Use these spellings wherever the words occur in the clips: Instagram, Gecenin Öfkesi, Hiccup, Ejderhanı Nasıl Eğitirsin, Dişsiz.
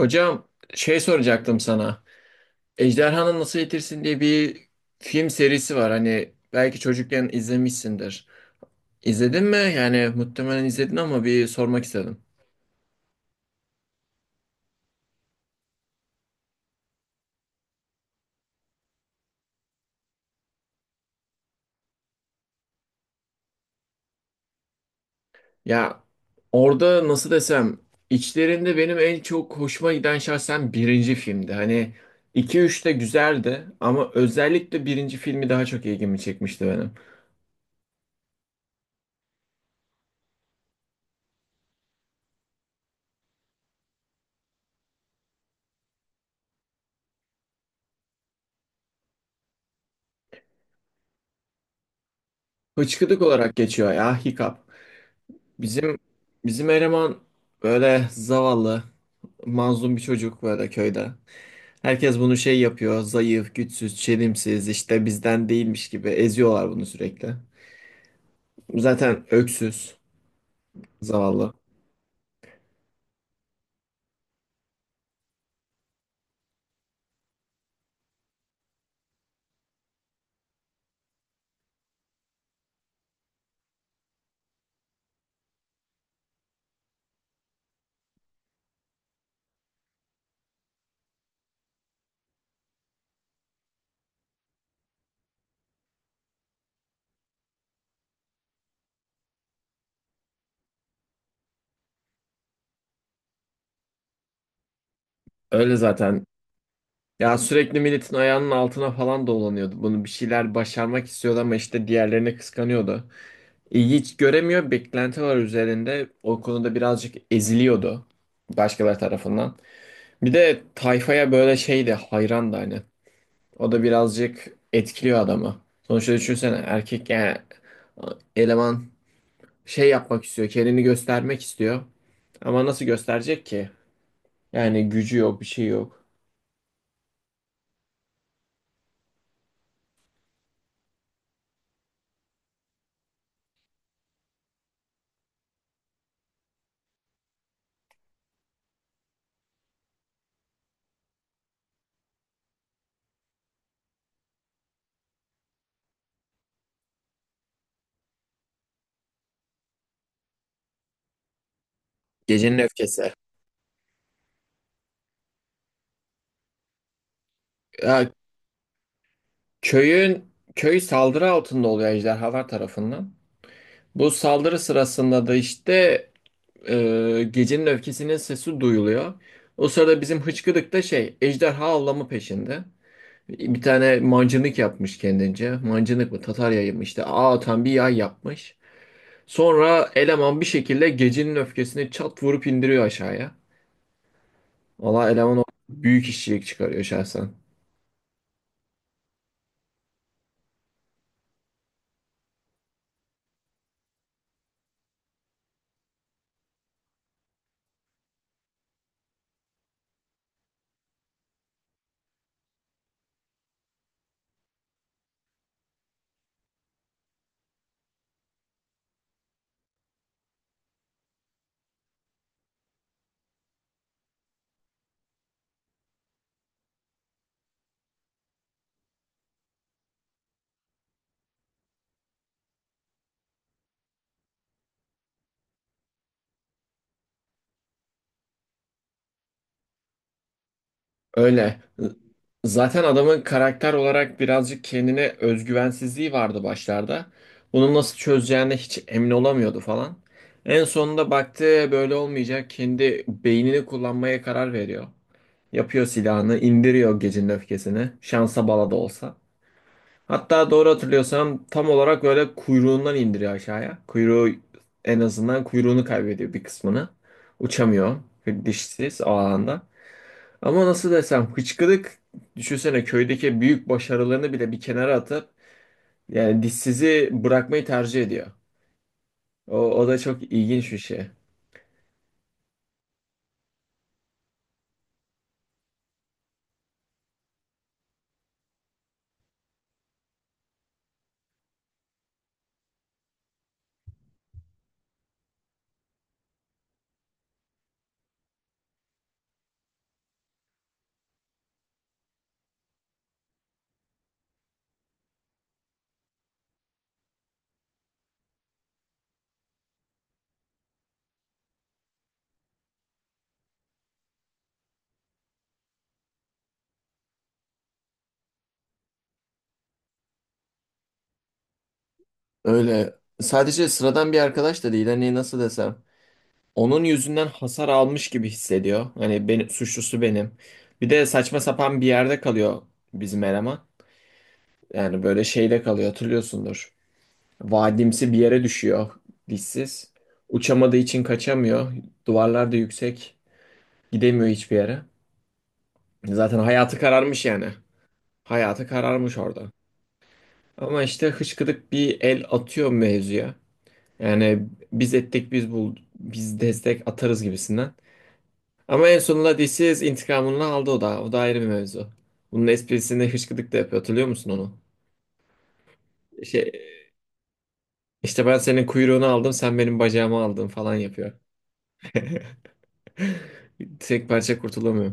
Hocam şey soracaktım sana. Ejderhanı Nasıl Eğitirsin diye bir film serisi var. Hani belki çocukken izlemişsindir. İzledin mi? Yani muhtemelen izledin ama bir sormak istedim. Ya orada nasıl desem içlerinde benim en çok hoşuma giden şahsen birinci filmdi. Hani iki üç de güzeldi ama özellikle birinci filmi daha çok ilgimi çekmişti benim. Hıçkıdık olarak geçiyor ya Hiccup. Bizim bizim eleman böyle zavallı, mazlum bir çocuk böyle köyde. Herkes bunu şey yapıyor, zayıf, güçsüz, çelimsiz, işte bizden değilmiş gibi eziyorlar bunu sürekli. Zaten öksüz, zavallı. Öyle zaten. Ya sürekli milletin ayağının altına falan dolanıyordu. Bunu bir şeyler başarmak istiyordu ama işte diğerlerine kıskanıyordu. İlgi hiç göremiyor, beklenti var üzerinde. O konuda birazcık eziliyordu başkaları tarafından. Bir de tayfaya böyle şey de hayran da hani. O da birazcık etkiliyor adamı. Sonuçta düşünsene erkek yani eleman şey yapmak istiyor. Kendini göstermek istiyor. Ama nasıl gösterecek ki? Yani gücü yok, bir şey yok. Gecenin öfkesi. Ya köyün köy saldırı altında oluyor ejderhalar tarafından. Bu saldırı sırasında da işte gecenin öfkesinin sesi duyuluyor. O sırada bizim hıçkıdık da şey ejderha avlamı peşinde. Bir tane mancınık yapmış kendince. Mancınık mı? Tatarya mı işte. Ağ atan bir yay yapmış. Sonra eleman bir şekilde gecenin öfkesini çat vurup indiriyor aşağıya. Valla eleman o büyük işçilik çıkarıyor şahsen. Öyle. Zaten adamın karakter olarak birazcık kendine özgüvensizliği vardı başlarda. Bunu nasıl çözeceğine hiç emin olamıyordu falan. En sonunda baktı böyle olmayacak. Kendi beynini kullanmaya karar veriyor. Yapıyor silahını, indiriyor gecenin öfkesini. Şansa bala da olsa. Hatta doğru hatırlıyorsam tam olarak böyle kuyruğundan indiriyor aşağıya. En azından kuyruğunu kaybediyor bir kısmını. Uçamıyor dişsiz o alanda. Ama nasıl desem hıçkırık düşünsene köydeki büyük başarılarını bile bir kenara atıp yani dişsizi bırakmayı tercih ediyor. O, o da çok ilginç bir şey. Öyle sadece sıradan bir arkadaş da değil hani nasıl desem. Onun yüzünden hasar almış gibi hissediyor. Hani benim suçlusu benim. Bir de saçma sapan bir yerde kalıyor bizim eleman. Yani böyle şeyde kalıyor hatırlıyorsundur. Vadimsi bir yere düşüyor dişsiz. Uçamadığı için kaçamıyor. Duvarlar da yüksek. Gidemiyor hiçbir yere. Zaten hayatı kararmış yani. Hayatı kararmış orada. Ama işte hıçkıdık bir el atıyor mevzuya. Yani biz ettik biz bul biz destek atarız gibisinden. Ama en sonunda DC's intikamını aldı o da. O da ayrı bir mevzu. Bunun esprisini hışkıdık da yapıyor. Hatırlıyor musun onu? Şey, işte ben senin kuyruğunu aldım, sen benim bacağımı aldın falan yapıyor. Tek parça kurtulamıyor.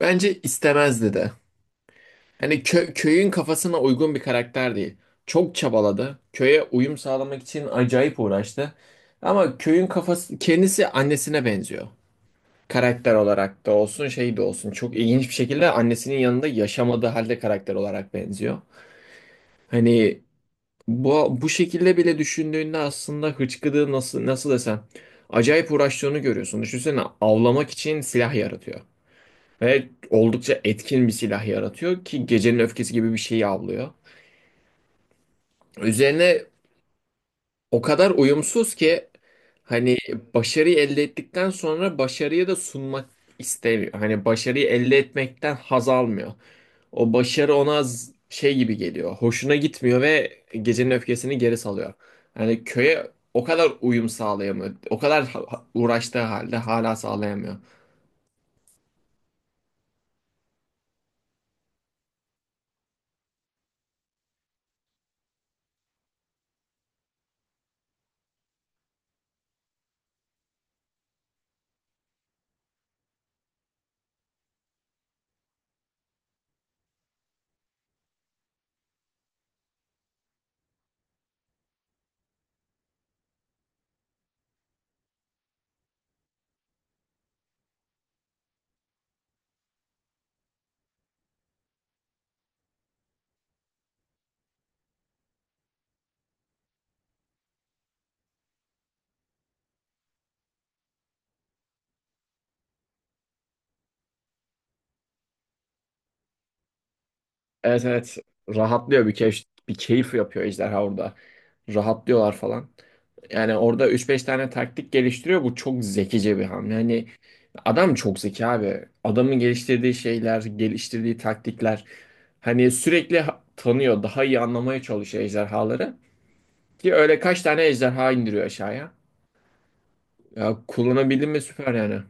Bence istemezdi de. Hani köyün kafasına uygun bir karakter değil. Çok çabaladı. Köye uyum sağlamak için acayip uğraştı. Ama köyün kafası kendisi annesine benziyor. Karakter olarak da olsun şey de olsun çok ilginç bir şekilde annesinin yanında yaşamadığı halde karakter olarak benziyor. Hani bu şekilde bile düşündüğünde aslında hıçkıdığı nasıl desem acayip uğraştığını görüyorsun. Düşünsene avlamak için silah yaratıyor ve oldukça etkin bir silah yaratıyor ki gecenin öfkesi gibi bir şeyi avlıyor. Üzerine o kadar uyumsuz ki hani başarıyı elde ettikten sonra başarıyı da sunmak istemiyor. Hani başarıyı elde etmekten haz almıyor. O başarı ona az şey gibi geliyor. Hoşuna gitmiyor ve gecenin öfkesini geri salıyor. Yani köye o kadar uyum sağlayamıyor. O kadar uğraştığı halde hala sağlayamıyor. Evet, evet, rahatlıyor bir keyif, bir keyif yapıyor ejderha orada. Rahatlıyorlar falan. Yani orada üç beş tane taktik geliştiriyor. Bu çok zekice bir hamle. Yani adam çok zeki abi. Adamın geliştirdiği şeyler, geliştirdiği taktikler. Hani sürekli tanıyor, daha iyi anlamaya çalışıyor ejderhaları. Ki öyle kaç tane ejderha indiriyor aşağıya. Ya kullanabildim mi süper yani.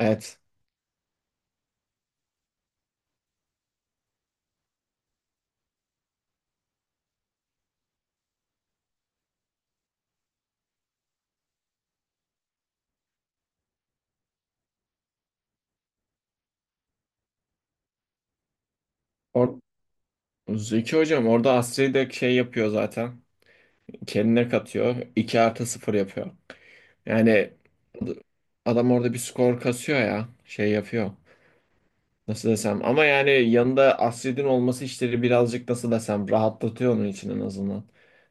Evet. Or Zeki hocam orada Asri'yi de şey yapıyor zaten. Kendine katıyor. 2 artı sıfır yapıyor. Yani ad- adam orada bir skor kasıyor ya. Şey yapıyor. Nasıl desem. Ama yani yanında Asri'nin olması işleri birazcık nasıl desem rahatlatıyor onun için en azından.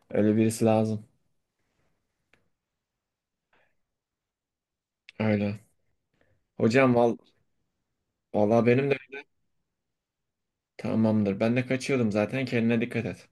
Öyle birisi lazım. Öyle. Hocam vallahi benim de tamamdır. Ben de kaçıyordum zaten. Kendine dikkat et.